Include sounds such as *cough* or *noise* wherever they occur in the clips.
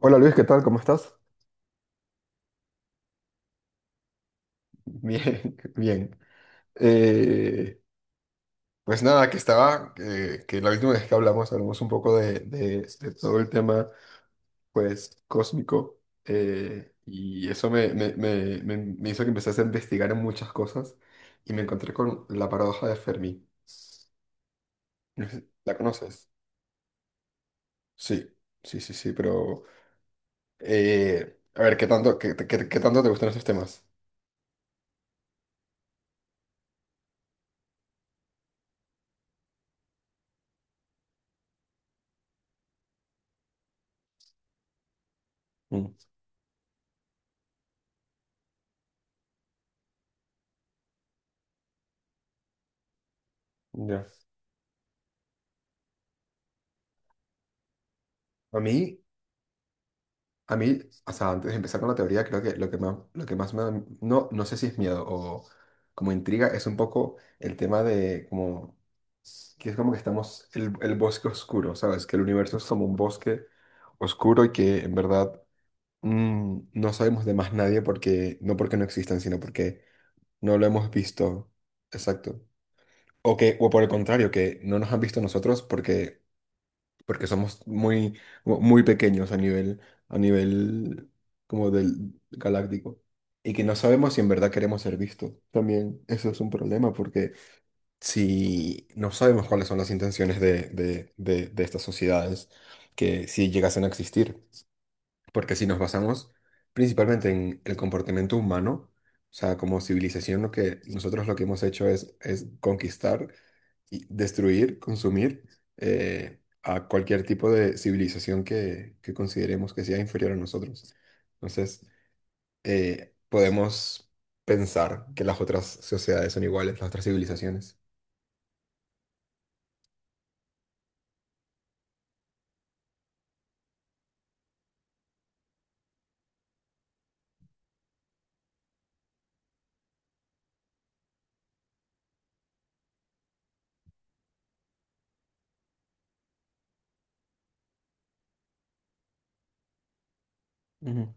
Hola Luis, ¿qué tal? ¿Cómo estás? Bien, *laughs* bien. Eh, pues nada, que estaba, que la última vez que hablamos, hablamos un poco de, de todo el tema, pues, cósmico, y eso me hizo que empezase a investigar en muchas cosas, y me encontré con la paradoja de Fermi. No sé, ¿la conoces? Sí, sí, sí, sí, pero, eh, a ver, ¿qué tanto, qué tanto te gustan esos temas? Mm, ya. A mí... A mí, o sea, antes de empezar con la teoría, creo que lo que más me da, no, no sé si es miedo o como intriga, es un poco el tema de como, que es como que estamos, el bosque oscuro, ¿sabes? Que el universo es como un bosque oscuro y que en verdad no sabemos de más nadie porque, no porque no existan, sino porque no lo hemos visto. Exacto. O que, o por el contrario, que no nos han visto nosotros porque porque somos muy, muy pequeños a nivel como del galáctico. Y que no sabemos si en verdad queremos ser vistos. También eso es un problema, porque si no sabemos cuáles son las intenciones de estas sociedades, que si llegasen a existir. Porque si nos basamos principalmente en el comportamiento humano, o sea, como civilización, lo que nosotros lo que hemos hecho es conquistar y destruir, consumir a cualquier tipo de civilización que consideremos que sea inferior a nosotros. Entonces, podemos pensar que las otras sociedades son iguales, las otras civilizaciones. Ujú.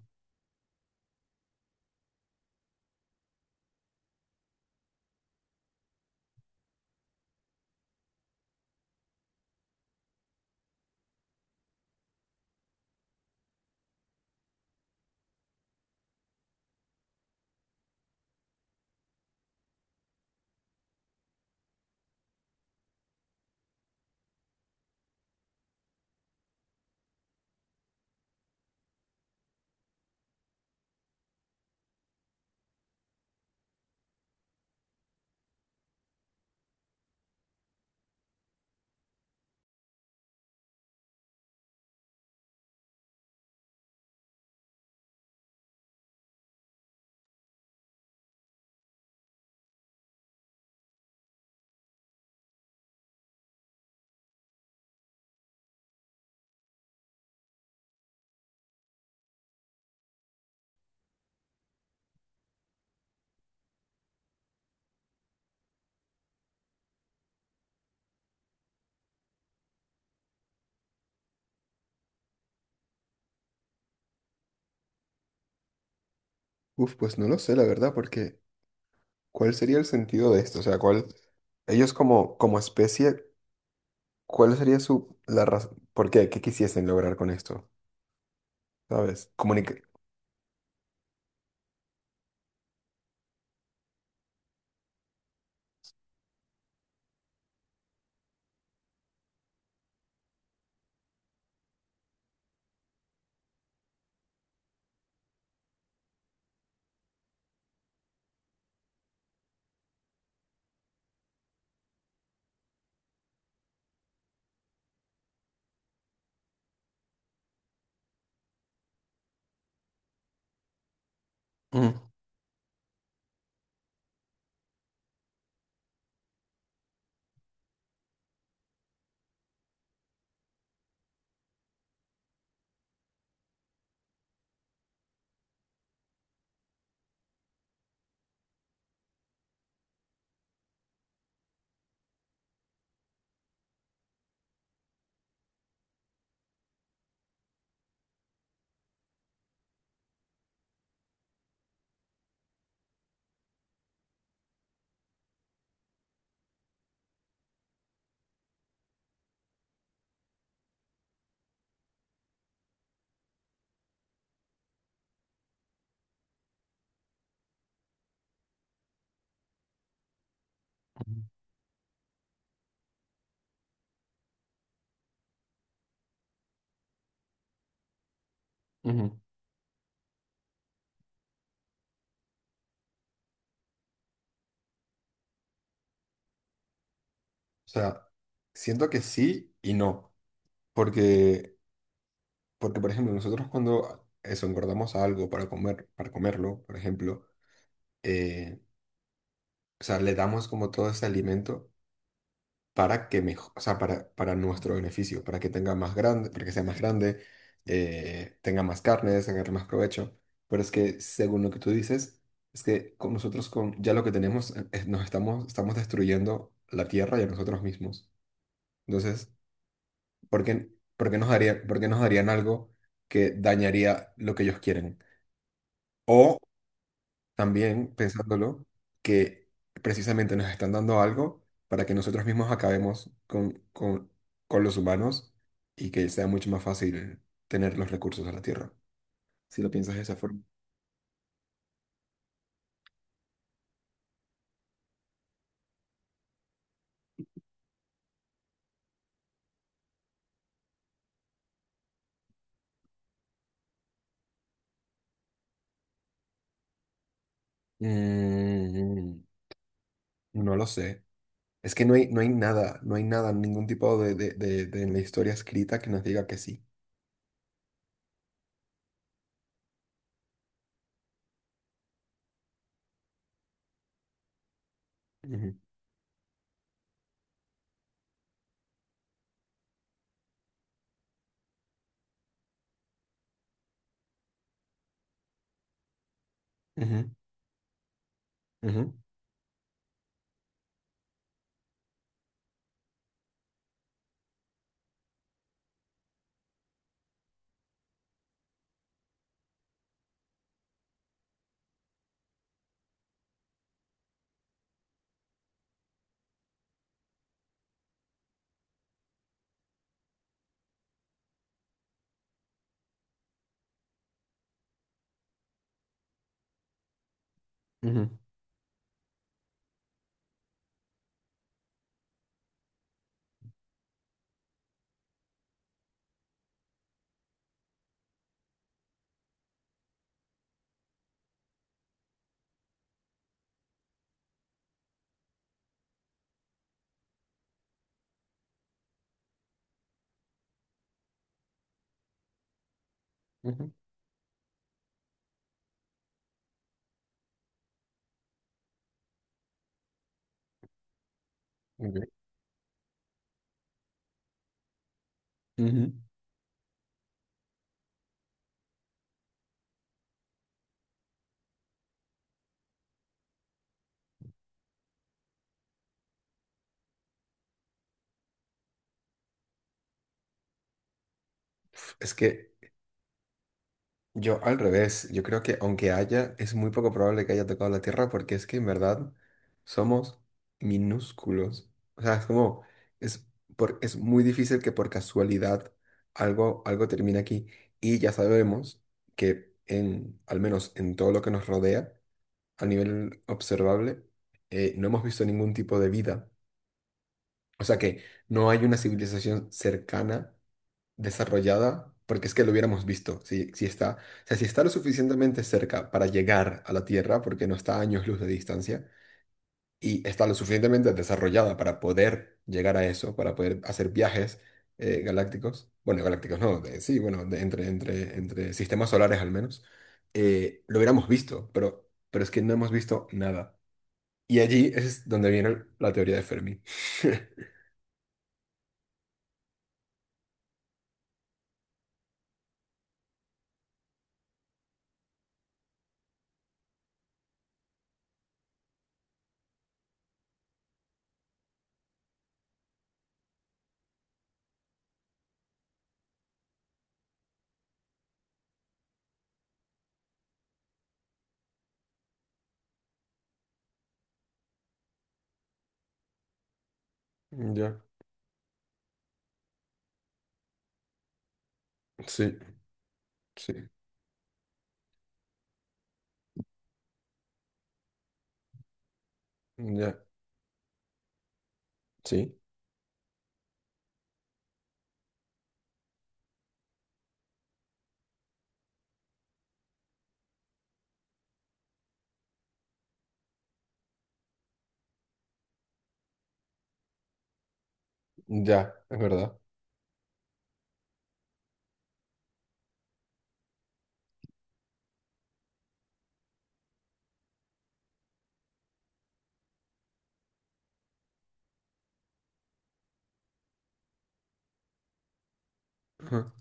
Uf, pues no lo sé, la verdad, porque ¿cuál sería el sentido de esto? O sea, ¿cuál, ellos como, como especie, cuál sería su, la razón, por qué, qué quisiesen lograr con esto? ¿Sabes? Comunicar. Ujú, ujú, ujú. O sea, siento que sí y no. Porque, porque, por ejemplo, nosotros cuando eso, engordamos algo para comer, para comerlo, por ejemplo, eh, o sea, le damos como todo ese alimento para que mejor, o sea, para nuestro beneficio, para que tenga más grande, para que sea más grande, tenga más carne, sacarle más provecho. Pero es que, según lo que tú dices, es que con nosotros con ya lo que tenemos, nos estamos, estamos destruyendo la tierra y a nosotros mismos. Entonces, ¿por qué, por qué nos daría, por qué nos darían algo que dañaría lo que ellos quieren? O también, pensándolo, que precisamente nos están dando algo para que nosotros mismos acabemos con los humanos y que sea mucho más fácil tener los recursos de la Tierra, si lo piensas de esa forma. Mm, no lo sé. Es que no hay, no hay nada, no hay nada, ningún tipo de, de en la historia escrita que nos diga que sí. Ujú, ujú, ujú, ujú, ujú. Ok. Ujú. Es que yo al revés, yo creo que aunque haya, es muy poco probable que haya tocado la Tierra porque es que en verdad somos minúsculos. O sea, es como, es, por, es muy difícil que por casualidad algo, algo termine aquí. Y ya sabemos que en, al menos en todo lo que nos rodea, a nivel observable, no hemos visto ningún tipo de vida. O sea que no hay una civilización cercana desarrollada, porque es que lo hubiéramos visto, si, si está, o sea, si está lo suficientemente cerca para llegar a la Tierra, porque no está a años luz de distancia, y está lo suficientemente desarrollada para poder llegar a eso, para poder hacer viajes galácticos, bueno, galácticos no, de- sí, bueno, de- entre, entre, entre sistemas solares al menos, lo hubiéramos visto, pero es que no hemos visto nada. Y allí es donde viene la teoría de Fermi. *laughs* Ya, sí, sí, ya, sí, ya, es verdad. Ajá.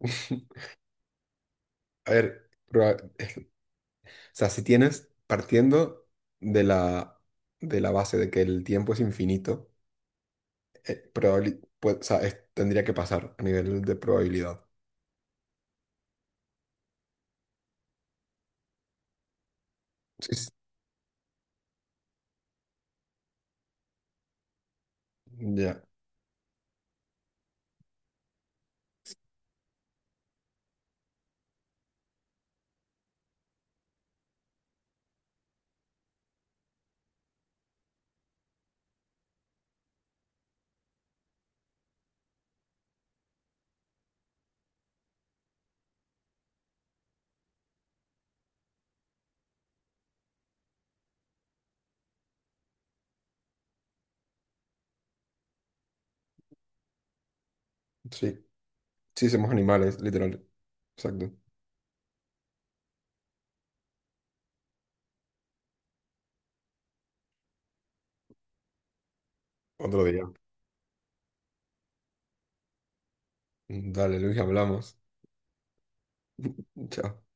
*laughs* A ver, o sea, si tienes, partiendo de la, de la base de que el tiempo es infinito, pues, o sea, es- tendría que pasar a nivel de probabilidad. Sí, sí, ya, sí. Sí, somos animales, literal. Exacto. Otro día. Dale, Luis, hablamos. Chao.